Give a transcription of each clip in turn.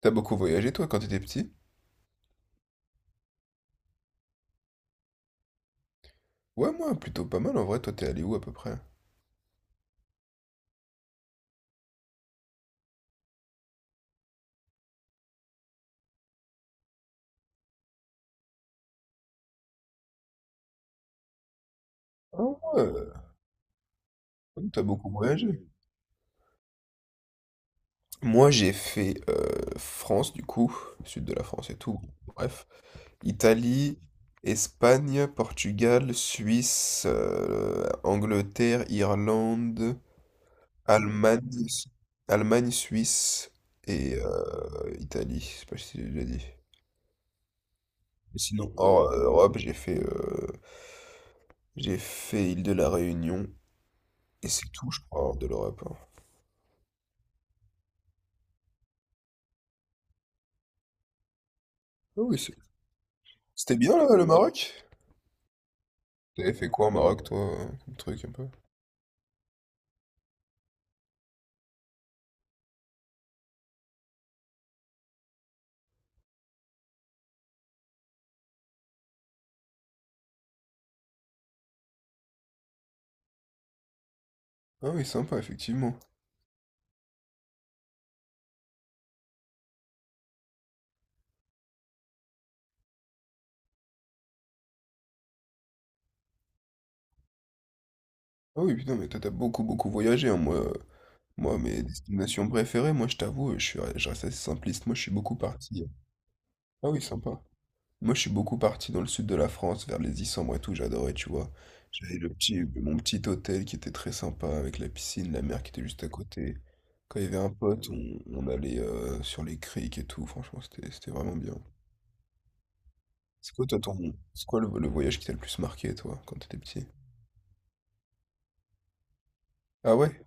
T'as beaucoup voyagé toi quand t'étais petit? Ouais, moi plutôt pas mal en vrai. Toi, t'es allé où à peu près? Ah ouais, donc t'as beaucoup voyagé. Moi, j'ai fait France du coup, sud de la France et tout. Bref, Italie, Espagne, Portugal, Suisse, Angleterre, Irlande, Allemagne, Allemagne, Suisse et Italie. Je sais pas si j'ai déjà dit. Et sinon, hors Europe, j'ai fait île de la Réunion. Et c'est tout, je crois, hors de l'Europe, hein. Ah oui, c'était bien là, le Maroc? T'avais fait quoi au Maroc, toi, comme truc un peu? Ah oui, sympa, effectivement. Ah oui, putain, mais toi, t'as beaucoup, beaucoup voyagé, hein, moi. Moi, mes destinations préférées, moi, je t'avoue, je reste assez simpliste. Moi, je suis beaucoup parti. Ah oui, sympa. Moi, je suis beaucoup parti dans le sud de la France, vers les Issambres et tout, j'adorais, tu vois. J'avais mon petit hôtel qui était très sympa, avec la piscine, la mer qui était juste à côté. Quand il y avait un pote, on allait sur les criques et tout, franchement, c'était vraiment bien. C'est quoi toi ton? C'est quoi le voyage qui t'a le plus marqué toi quand t'étais petit? Ah ouais?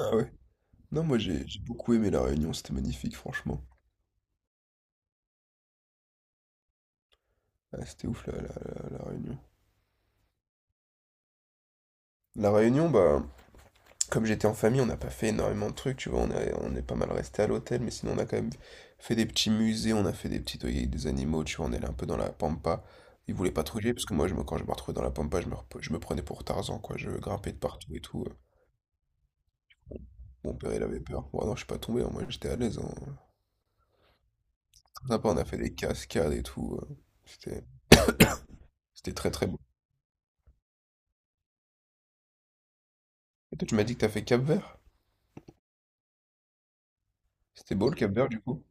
Ah ouais? Non, moi j'ai beaucoup aimé La Réunion, c'était magnifique franchement. Ah, c'était ouf la Réunion. La Réunion, bah comme j'étais en famille, on n'a pas fait énormément de trucs, tu vois, on est pas mal resté à l'hôtel, mais sinon on a quand même fait des petits musées, on a fait des petits toilettes avec des animaux, tu vois, on est allé un peu dans la pampa. Ils voulaient pas patrouiller parce que moi quand je me retrouvais dans la pampa, je me prenais pour Tarzan, quoi, je grimpais de partout et tout. Mon père il avait peur. Bon, non, je suis pas tombé, hein, moi j'étais à l'aise, hein. Après, on a fait des cascades et tout. C'était, c'était très très beau. Et toi, tu m'as dit que t'as fait Cap-Vert? C'était beau le Cap-Vert du coup?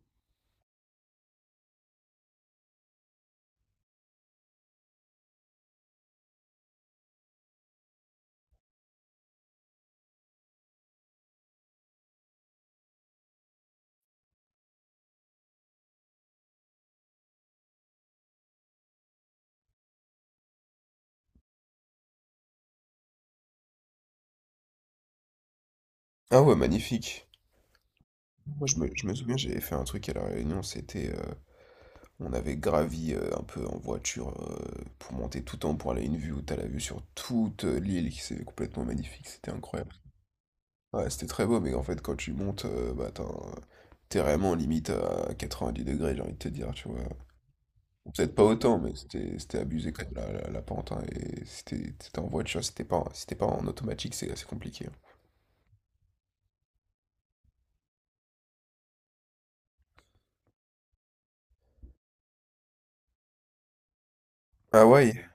Ah ouais, magnifique. Moi, je me souviens, j'avais fait un truc à La Réunion. C'était, on avait gravi un peu en voiture pour monter tout en haut pour aller à une vue où t'as la vue sur toute l'île qui c'est complètement magnifique. C'était incroyable. Ouais, c'était très beau, mais en fait, quand tu montes, bah, t'es vraiment limite à 90 degrés, j'ai envie de te dire, tu vois. Peut-être pas autant, mais c'était abusé quand même la pente, hein, et c'était en voiture, c'était pas, si pas en automatique, c'est assez compliqué, hein. Ah ouais?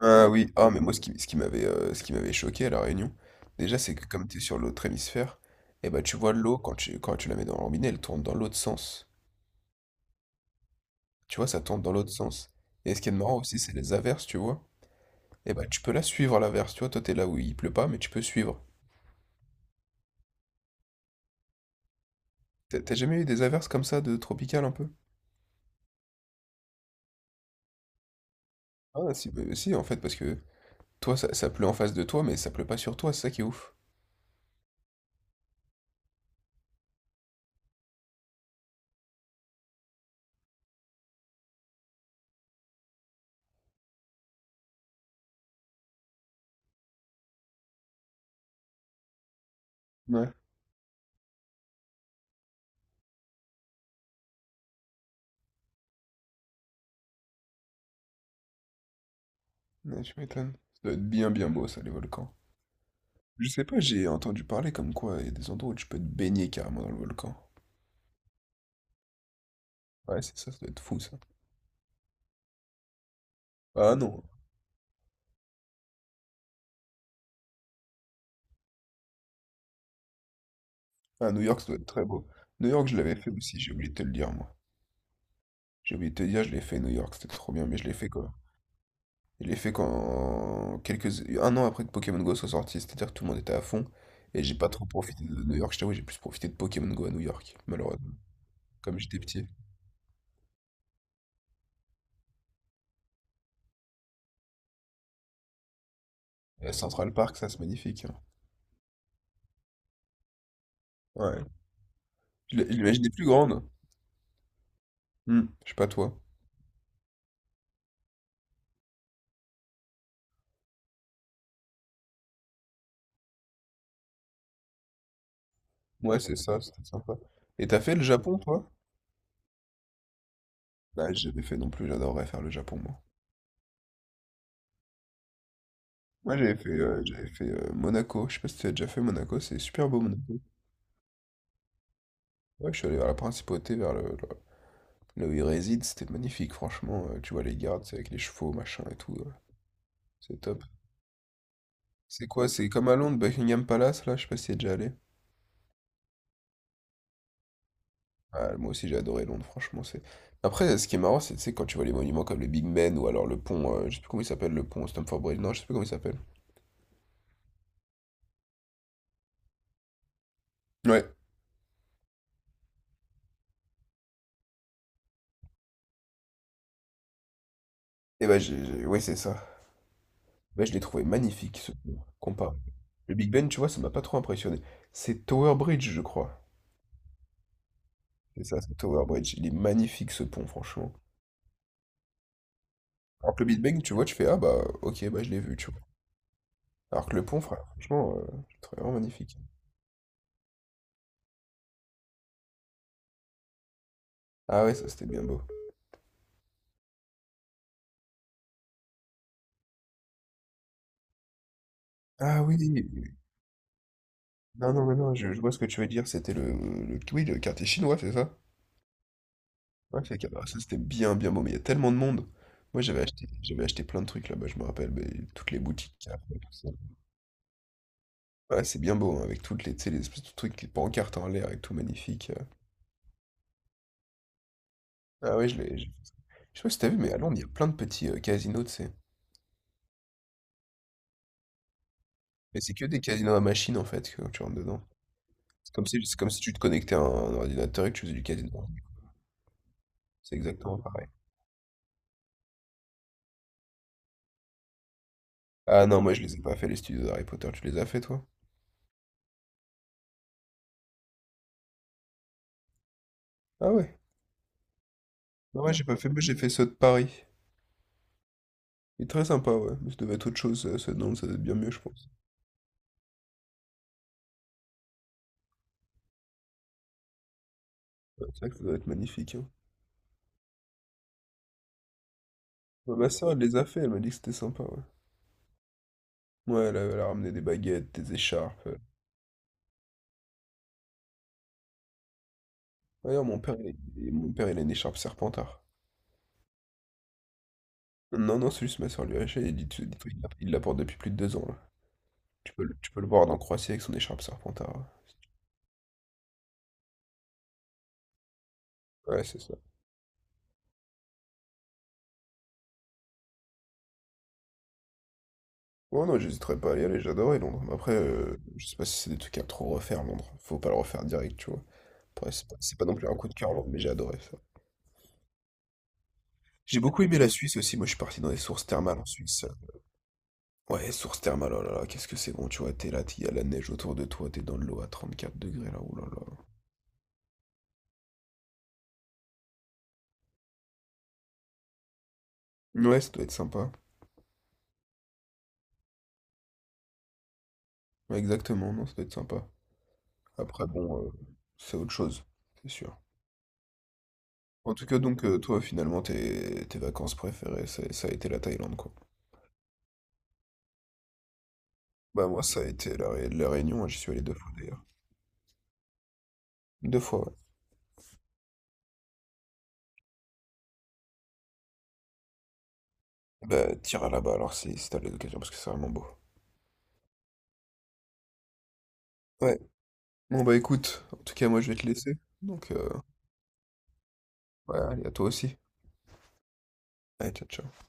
Ah oui. Ah mais moi ce qui m'avait choqué à La Réunion, déjà c'est que comme t'es sur l'autre hémisphère, et bah tu vois l'eau quand tu la mets dans le robinet, elle tourne dans l'autre sens. Tu vois, ça tourne dans l'autre sens. Et ce qui est marrant aussi, c'est les averses, tu vois. Et bah tu peux la suivre à l'averse, tu vois, toi t'es là où il pleut pas, mais tu peux suivre. T'as jamais eu des averses comme ça de tropicales un peu? Ah si, bah, si, en fait, parce que toi, ça pleut en face de toi, mais ça pleut pas sur toi, c'est ça qui est ouf. Ouais, ouais, tu m'étonnes. Ça doit être bien, bien beau, ça, les volcans. Je sais pas, j'ai entendu parler comme quoi il y a des endroits où tu peux te baigner carrément dans le volcan. Ouais, c'est ça, ça doit être fou, ça. Ah non, à New York, ça doit être très beau. New York, je l'avais fait aussi, j'ai oublié de te le dire, moi. J'ai oublié de te dire, je l'ai fait, New York, c'était trop bien, mais je l'ai fait quoi? Je l'ai fait un an après que Pokémon Go soit sorti, c'est-à-dire que tout le monde était à fond, et j'ai pas trop profité de New York, je t'avoue, j'ai plus profité de Pokémon Go à New York, malheureusement. Comme j'étais petit. Et à Central Park, ça, c'est magnifique, hein. Ouais. Je l'imaginais plus grande. Je sais pas toi. Ouais, c'est ça, c'était sympa. Et t'as fait le Japon, toi? Bah, j'avais fait non plus, j'adorerais faire le Japon, moi. Moi, j'avais fait Monaco. Je sais pas si tu as déjà fait Monaco, c'est super beau, Monaco. Ouais, je suis allé vers la principauté, vers là où ils résident, c'était magnifique, franchement. Tu vois les gardes, c'est avec les chevaux, machin et tout. C'est top. C'est quoi? C'est comme à Londres, Buckingham Palace, là, je sais pas si t'y es déjà allé. Ah, moi aussi j'ai adoré Londres, franchement c'est. Après, ce qui est marrant, c'est tu sais, quand tu vois les monuments comme le Big Ben ou alors le pont, je sais plus comment il s'appelle, le pont Stamford Bridge, non, je sais plus comment il s'appelle. Ouais. Et bah ouais c'est ça. Bah, je l'ai trouvé magnifique ce pont, comparé. Le Big Ben, tu vois, ça m'a pas trop impressionné. C'est Tower Bridge, je crois. C'est ça, c'est Tower Bridge. Il est magnifique ce pont, franchement. Alors que le Big Ben, tu vois, tu fais ah bah ok, bah je l'ai vu, tu vois. Alors que le pont, frère, franchement, je le trouvais vraiment magnifique. Ah ouais, ça c'était bien beau. Ah oui, non, non, mais non, je vois ce que tu veux dire. C'était le kiwi, le quartier chinois, c'est ça? Ouais, ça c'était bien, bien beau, mais il y a tellement de monde. Moi, j'avais acheté plein de trucs là-bas, je me rappelle, mais toutes les boutiques qu'il y a, tout ça. Ouais, c'est bien beau, hein, avec toutes les, tu sais, les espèces de trucs, les pancartes en l'air et tout, magnifique. Ah ouais, je l'ai. Je sais pas si t'as vu, mais à Londres, il y a plein de petits casinos, tu sais. Mais c'est que des casinos à machine, en fait, que tu rentres dedans. C'est comme si tu te connectais à un ordinateur et que tu faisais du casino. C'est exactement pareil. Ah non, moi, je les ai pas fait, les studios d'Harry Potter, tu les as fait, toi? Ah ouais. Non, ouais, j'ai pas fait, mais j'ai fait ceux de Paris. Il est très sympa, ouais. Mais ça devait être autre chose, ceux de Nantes, ça doit être bien mieux, je pense. Ouais, c'est vrai que ça doit être magnifique, hein. Ouais, ma soeur, elle les a fait, elle m'a dit que c'était sympa, ouais. Ouais, elle a ramené des baguettes, des écharpes. D'ailleurs, mon père, il a une écharpe Serpentard. Non, non, c'est juste ma soeur lui a acheté, il dit, dis il la porte depuis plus de 2 ans, là. Tu peux le voir dans Croatie avec son écharpe Serpentard. Ouais, ouais, c'est ça. Ouais, non, j'hésiterais pas à y aller, j'adorais Londres. Mais après, je sais pas si c'est des trucs à trop refaire, Londres. Faut pas le refaire direct, tu vois. Ouais, c'est pas non plus un coup de cœur, mais j'ai adoré ça. J'ai beaucoup aimé la Suisse aussi, moi je suis parti dans les sources thermales en Suisse. Ouais, sources thermales, oh là là, qu'est-ce que c'est bon, tu vois, t'es là, il y a la neige autour de toi, t'es dans de l'eau à 34 degrés là, oh là là. Ouais, ça doit être sympa. Ouais, exactement, non, ça doit être sympa. Après, bon, c'est autre chose, c'est sûr. En tout cas, donc, toi, finalement, tes vacances préférées, ça a été la Thaïlande, quoi. Bah, moi, ça a été la Réunion, hein, j'y suis allé deux fois d'ailleurs. Deux fois, ouais. Bah, t'iras là-bas alors si t'as l'occasion, parce que c'est vraiment beau. Ouais. Bon bah écoute, en tout cas moi je vais te laisser. Donc ouais, allez à toi aussi. Allez, ciao ciao.